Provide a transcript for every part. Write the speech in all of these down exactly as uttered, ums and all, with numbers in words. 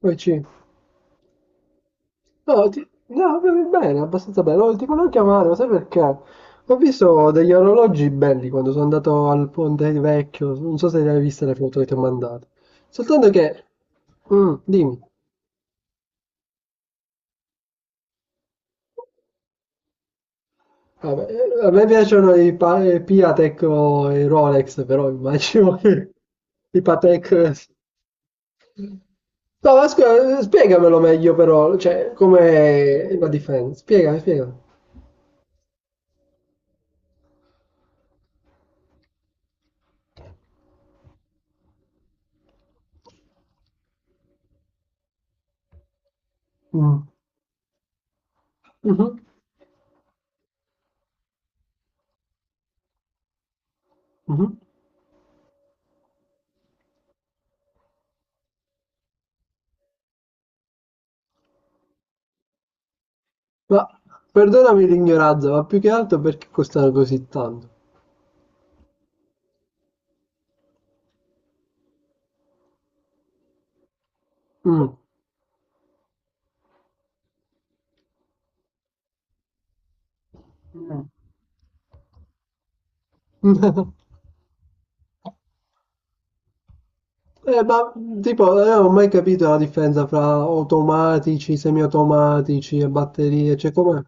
Poi ci- No, ti- no, bene, abbastanza bene. No, ti volevo chiamare, ma sai perché? Ho visto degli orologi belli quando sono andato al Ponte Vecchio. Non so se ne hai viste le foto che ti ho mandato. Soltanto che... Mm, dimmi. Vabbè, eh, a me piacciono i, pa- i Piatek o i Rolex, però immagino che i Patek... No, ma scusa, spiegamelo meglio però, cioè, com'è la differenza. Spiega, spiega. Mm. Mhm, mhm. Ma perdonami l'ignoranza, ma più che altro perché costano così tanto? Mm. Mm. Eh, ma tipo, io non ho mai capito la differenza fra automatici, semiautomatici e batterie, cioè com'è?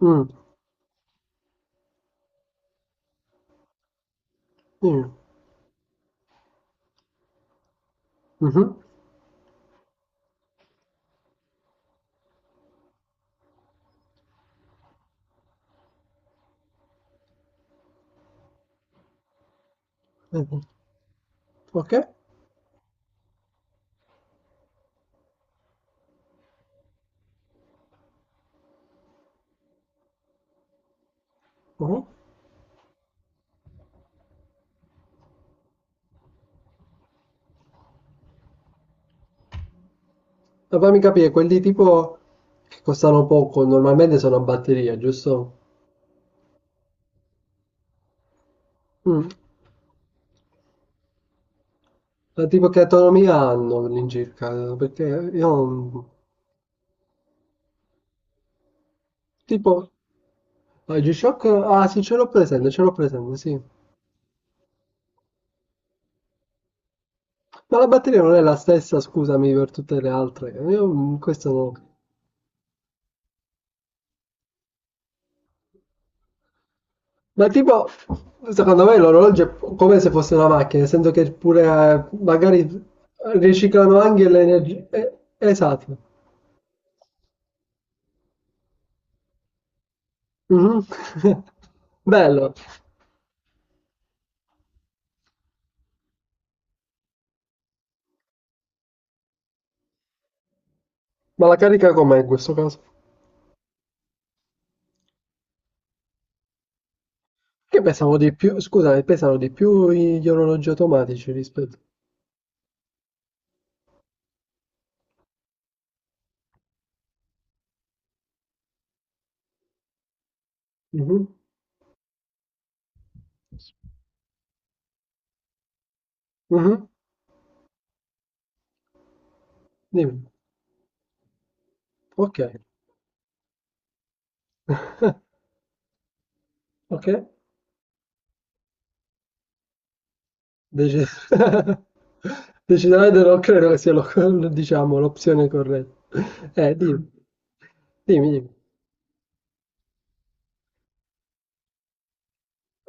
Mm. Sì. Mhm. Eh, ok. Mhm. Ma fammi capire, quelli tipo che costano poco, normalmente sono a batteria, giusto? Mm. Ma tipo che autonomia hanno all'incirca? Perché io non- tipo... Ah, il G-Shock? Ah, sì, ce l'ho presente, ce l'ho presente, sì. Ma la batteria non è la stessa, scusami, per tutte le altre. Io mm, questo no. Ma tipo, secondo me l'orologio è come se fosse una macchina, nel senso che pure eh, magari riciclano anche le energie. Eh, esatto. Mhm. Bello. Ma la carica com'è in questo caso? Che pesano di più, scusami, pesano di più i- gli orologi automatici rispetto. Mhm. Mhm. Dimmi. Ok. Ok. Dece- Decisamente non credo che sia lo- diciamo, l'opzione corretta. Eh, dimmi, dimmi, dimmi.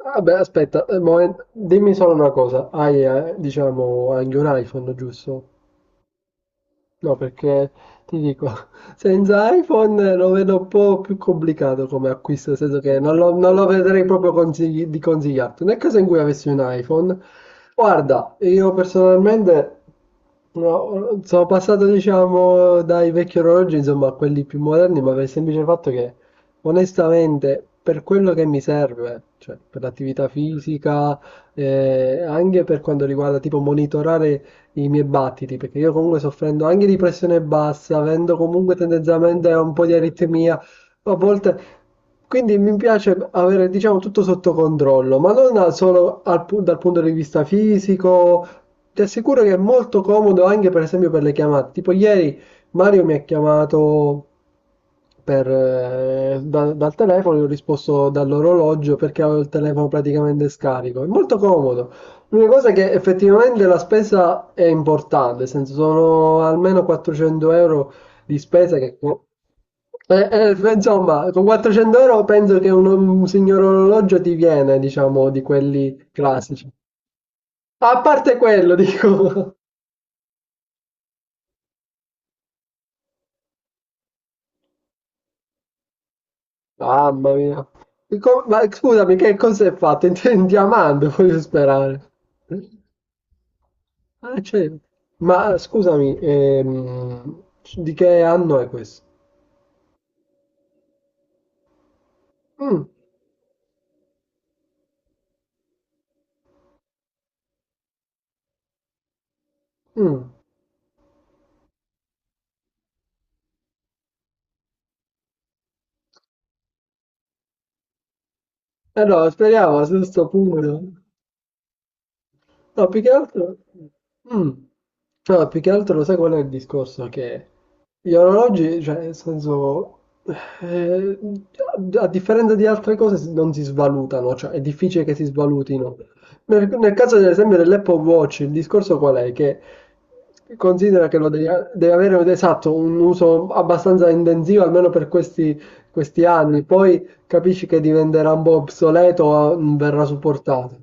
Vabbè, aspetta, eh, momen- dimmi solo una cosa. Hai, eh, diciamo, anche un iPhone, giusto? No, perché ti dico, senza iPhone lo vedo un po' più complicato come acquisto, nel senso che non lo, non lo vedrei proprio consigli- di consigliarti. Nel caso in cui avessi un iPhone, guarda, io personalmente no, sono passato, diciamo, dai vecchi orologi, insomma, a quelli più moderni, ma per il semplice fatto che, onestamente, per quello che mi serve, cioè per l'attività fisica, eh, anche per quanto riguarda tipo monitorare i miei battiti, perché io comunque soffrendo anche di pressione bassa, avendo comunque tendenzialmente un po' di aritmia, a volte... Quindi mi piace avere, diciamo, tutto sotto controllo, ma non al- solo al pu- dal punto di vista fisico. Ti assicuro che è molto comodo anche, per esempio, per le chiamate. Tipo ieri Mario mi ha chiamato per, eh, da- dal telefono, gli ho risposto dall'orologio perché avevo il telefono praticamente scarico. È molto comodo. L'unica cosa è che effettivamente la spesa è importante, nel senso sono almeno quattrocento euro di spesa che... Eh, eh, insomma, con quattrocento euro penso che un, un signor orologio ti viene, diciamo, di quelli classici. A parte quello, dico... Mamma mia. Co- Ma scusami, che cosa è fatto? In, in diamante, voglio sperare. Ah, certo. Ma scusami, ehm, di che anno è questo? Mm, mm. Allora, speriamo a questo punto. No, più che altro... Mm. No, più che altro lo sai qual è il discorso? Che gli orologi, cioè, nel senso, eh, a a differenza di altre cose si- non si svalutano, cioè è difficile che si svalutino. Nel, nel caso, ad esempio, dell'Apple Watch, il discorso qual è? Che considera che lo devi, devi avere esatto, un uso abbastanza intensivo, almeno per questi, questi anni, poi capisci che diventerà un po' obsoleto o non verrà supportato.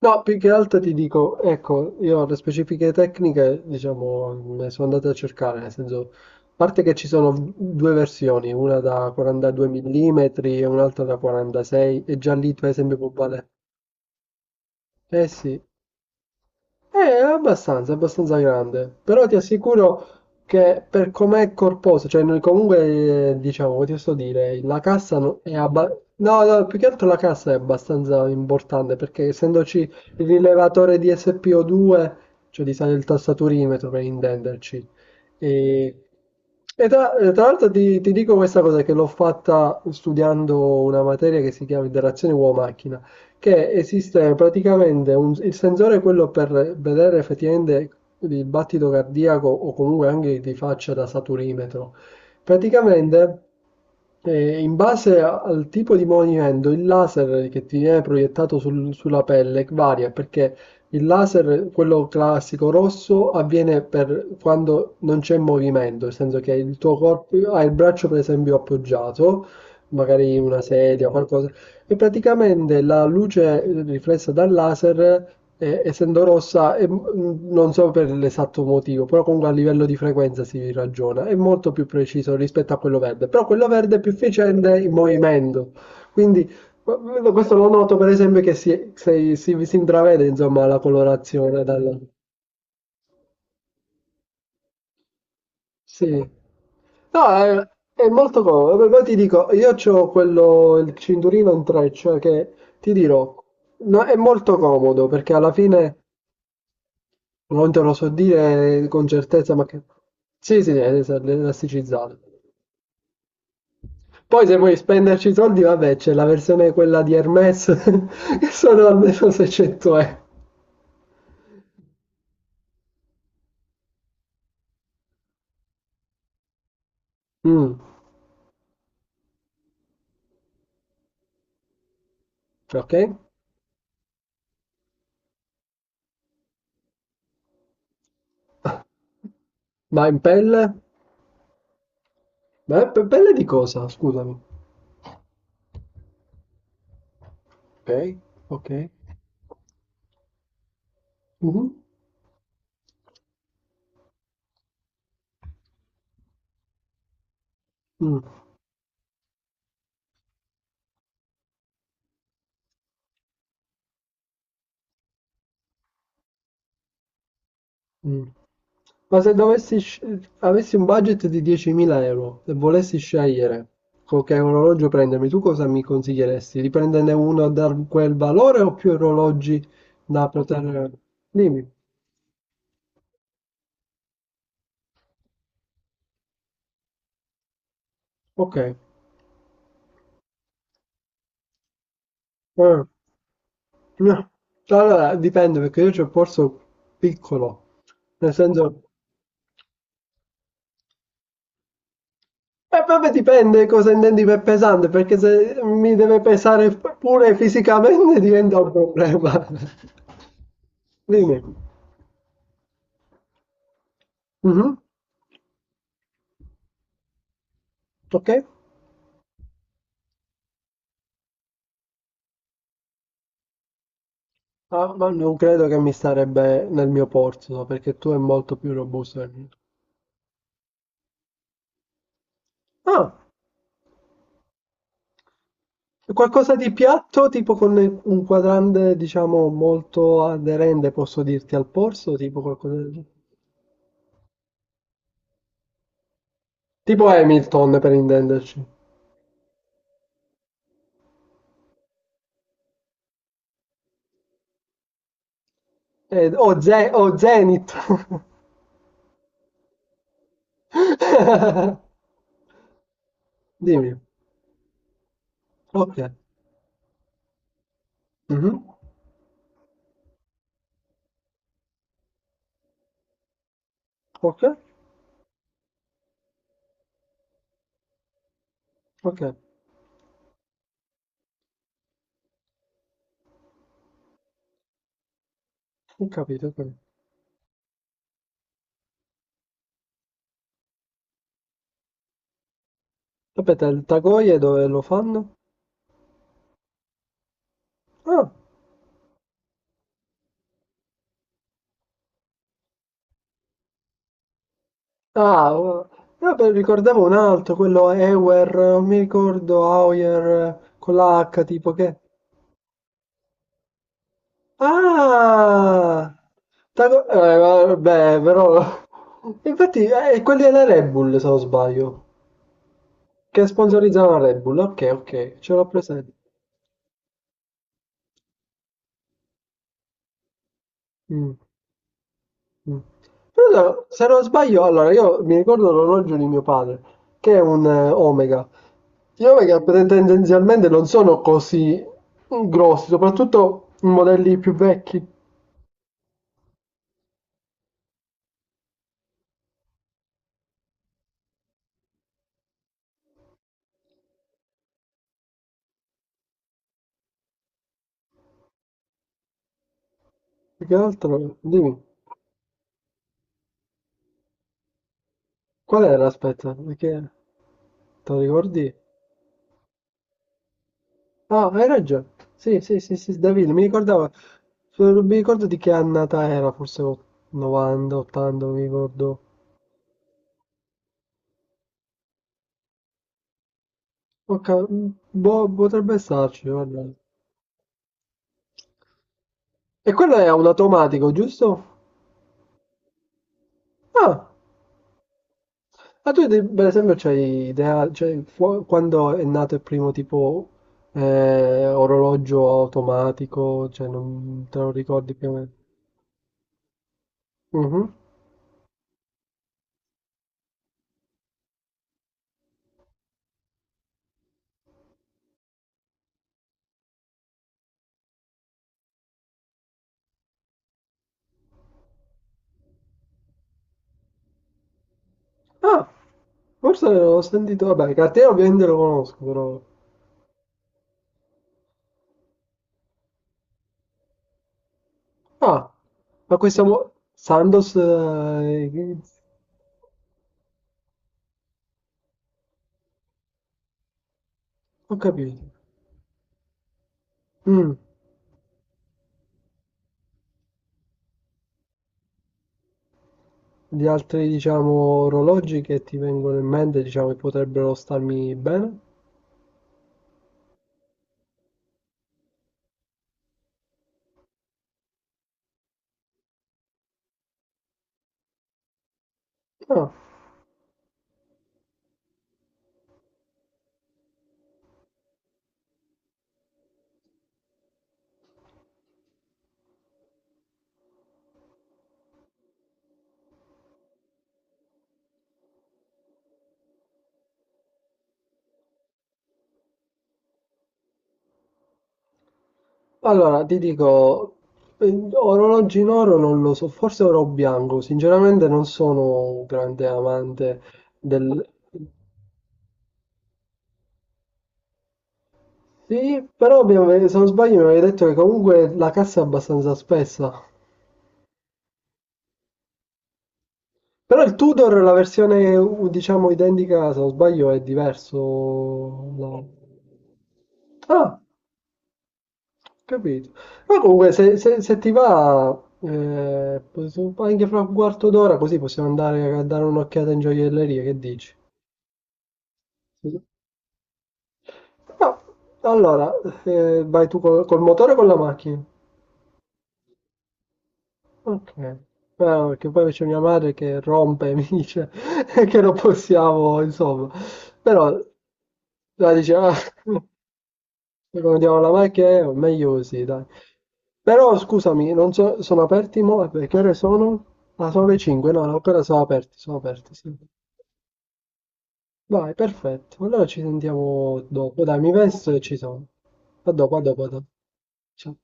No, più che altro ti dico, ecco, io le specifiche tecniche, diciamo, me sono andate a cercare, nel senso, a parte che ci sono due versioni, una da quarantadue millimetri e un'altra da quarantasei, e già lì per esempio può valere. Eh sì, è abbastanza, abbastanza grande, però ti assicuro che per com'è corposo, cioè noi comunque, eh, diciamo, che ti sto a dire, la cassa no- è abba- no, no, più che altro la cassa è abbastanza importante perché essendoci il rilevatore di S P O due, cioè di sale il tastaturimetro per intenderci, e, e tra, e tra l'altro ti, ti dico questa cosa che l'ho fatta studiando una materia che si chiama interazione uomo-macchina, che esiste praticamente un- il sensore è quello per vedere effettivamente il battito cardiaco o comunque anche di faccia da saturimetro. Praticamente, eh, in base a- al tipo di movimento, il laser che ti viene proiettato sul- sulla pelle varia perché il laser, quello classico rosso, avviene per quando non c'è movimento, nel senso che il tuo corpo ha il braccio per esempio appoggiato magari una sedia o qualcosa, e praticamente la luce eh, riflessa dal laser, eh, essendo rossa, è m- non so per l'esatto motivo, però comunque a livello di frequenza si ragiona, è molto più preciso rispetto a quello verde, però quello verde è più efficiente in movimento, quindi qu- questo lo noto per esempio che si, se- si- si intravede insomma la colorazione dal... Sì. No, è, è molto comodo. Poi ti dico, io c'ho quello, il cinturino in treccia che ti dirò, no, è molto comodo perché alla fine non te lo so dire eh, con certezza, ma che... Sì, sì, è es- elasticizzato. Poi se vuoi spenderci i soldi, vabbè, c'è la versione quella di Hermes che sono almeno seicento euro. Mm, ok. Ma in pelle? Ma in pelle di cosa? Scusami. Ok, ok. Mhm. Mh, mh. Ma se dovessi sce avessi un budget di diecimila € e volessi scegliere co che orologio prendermi, tu cosa mi consiglieresti? Di prenderne uno da quel valore o più orologi da poter... Dimmi. Ok. Eh. No. Allora, dipende perché io c'ho il polso piccolo, nel senso... E vabbè dipende cosa intendi per pesante, perché se mi deve pesare pure fisicamente diventa un problema. Dimmi. Mhm. Ok. Ah, ma non credo che mi starebbe nel mio porto, perché tu è molto più robusto del mio. Ah, qualcosa di piatto, tipo con un quadrante, diciamo, molto aderente, posso dirti, al polso, tipo qualcosa del... Tipo Hamilton, per intenderci. Eh, o, Ze- o Zenith. Dimmi. Ok. Mhm. Ok, ok. Ho capito. ho capito. Aspetta, il Tagoie dove lo fanno? Ah. Ah, oh. Vabbè, ricordavo un altro, quello Ewer, non mi ricordo, Auer, con la H, tipo che... Ah! Taco- eh, vabbè, però... Infatti, eh, quelli della Red Bull, se non sbaglio, che sponsorizzano la Red Bull, ok, ok, ce l'ho presente. Mm. Mh. Però se non sbaglio, allora io mi ricordo l'orologio di mio padre, che è un eh, Omega. Gli Omega pre- tendenzialmente non sono così mm, grossi, soprattutto i modelli più vecchi. Più che altro, dimmi, qual era? Aspetta, perché te lo ricordi? Ah, hai ragione. Sì, sì, sì, sì, Davide, mi ricordava, mi ricordo di che annata era, forse o- novanta, ottanta, mi ricordo. Ok, mm, boh, potrebbe starci, guarda. E quello è un automatico, giusto? Ah, ma tu di- per esempio c'hai idea, cioè, fu- quando è nato il primo tipo eh, orologio automatico, cioè non te lo ricordi più o meno? Mhm. Ah, forse l'ho sentito, vabbè, cartiere ovviamente lo conosco, però... Ah, ma questo... mo- Sandoz... eh, ho capito. Mm. Gli altri, diciamo, orologi che ti vengono in mente, diciamo, che potrebbero starmi bene? Ah. Allora, ti dico, eh, orologi in oro non lo so, forse oro bianco, sinceramente non sono un grande amante del... Sì, però mi ave- se non sbaglio mi avevi detto che comunque la cassa è abbastanza spessa. Però il Tudor, la versione u- diciamo identica, se non sbaglio, è diverso, no? Ah, capito. Ma comunque, se, se- se ti va, eh, pos- anche fra un quarto d'ora, così possiamo andare a dare un'occhiata in gioielleria. Che dici? Sì. No, allora, eh, vai tu col, col motore o con la macchina? Ok. Ah, perché poi c'è mia madre che rompe e mi dice che non possiamo, insomma. Però, la dice, ah, Poi quando diamo la macchina, eh, meglio così, dai. Però scusami, non so, sono aperti mo? Beh, che ore sono? Ah, sono le cinque, no, no, ancora sono aperti, sono aperti, sì. Vai, perfetto. Allora ci sentiamo dopo. Dai, mi vesto e ci sono. A dopo, a dopo, a dopo. Ciao.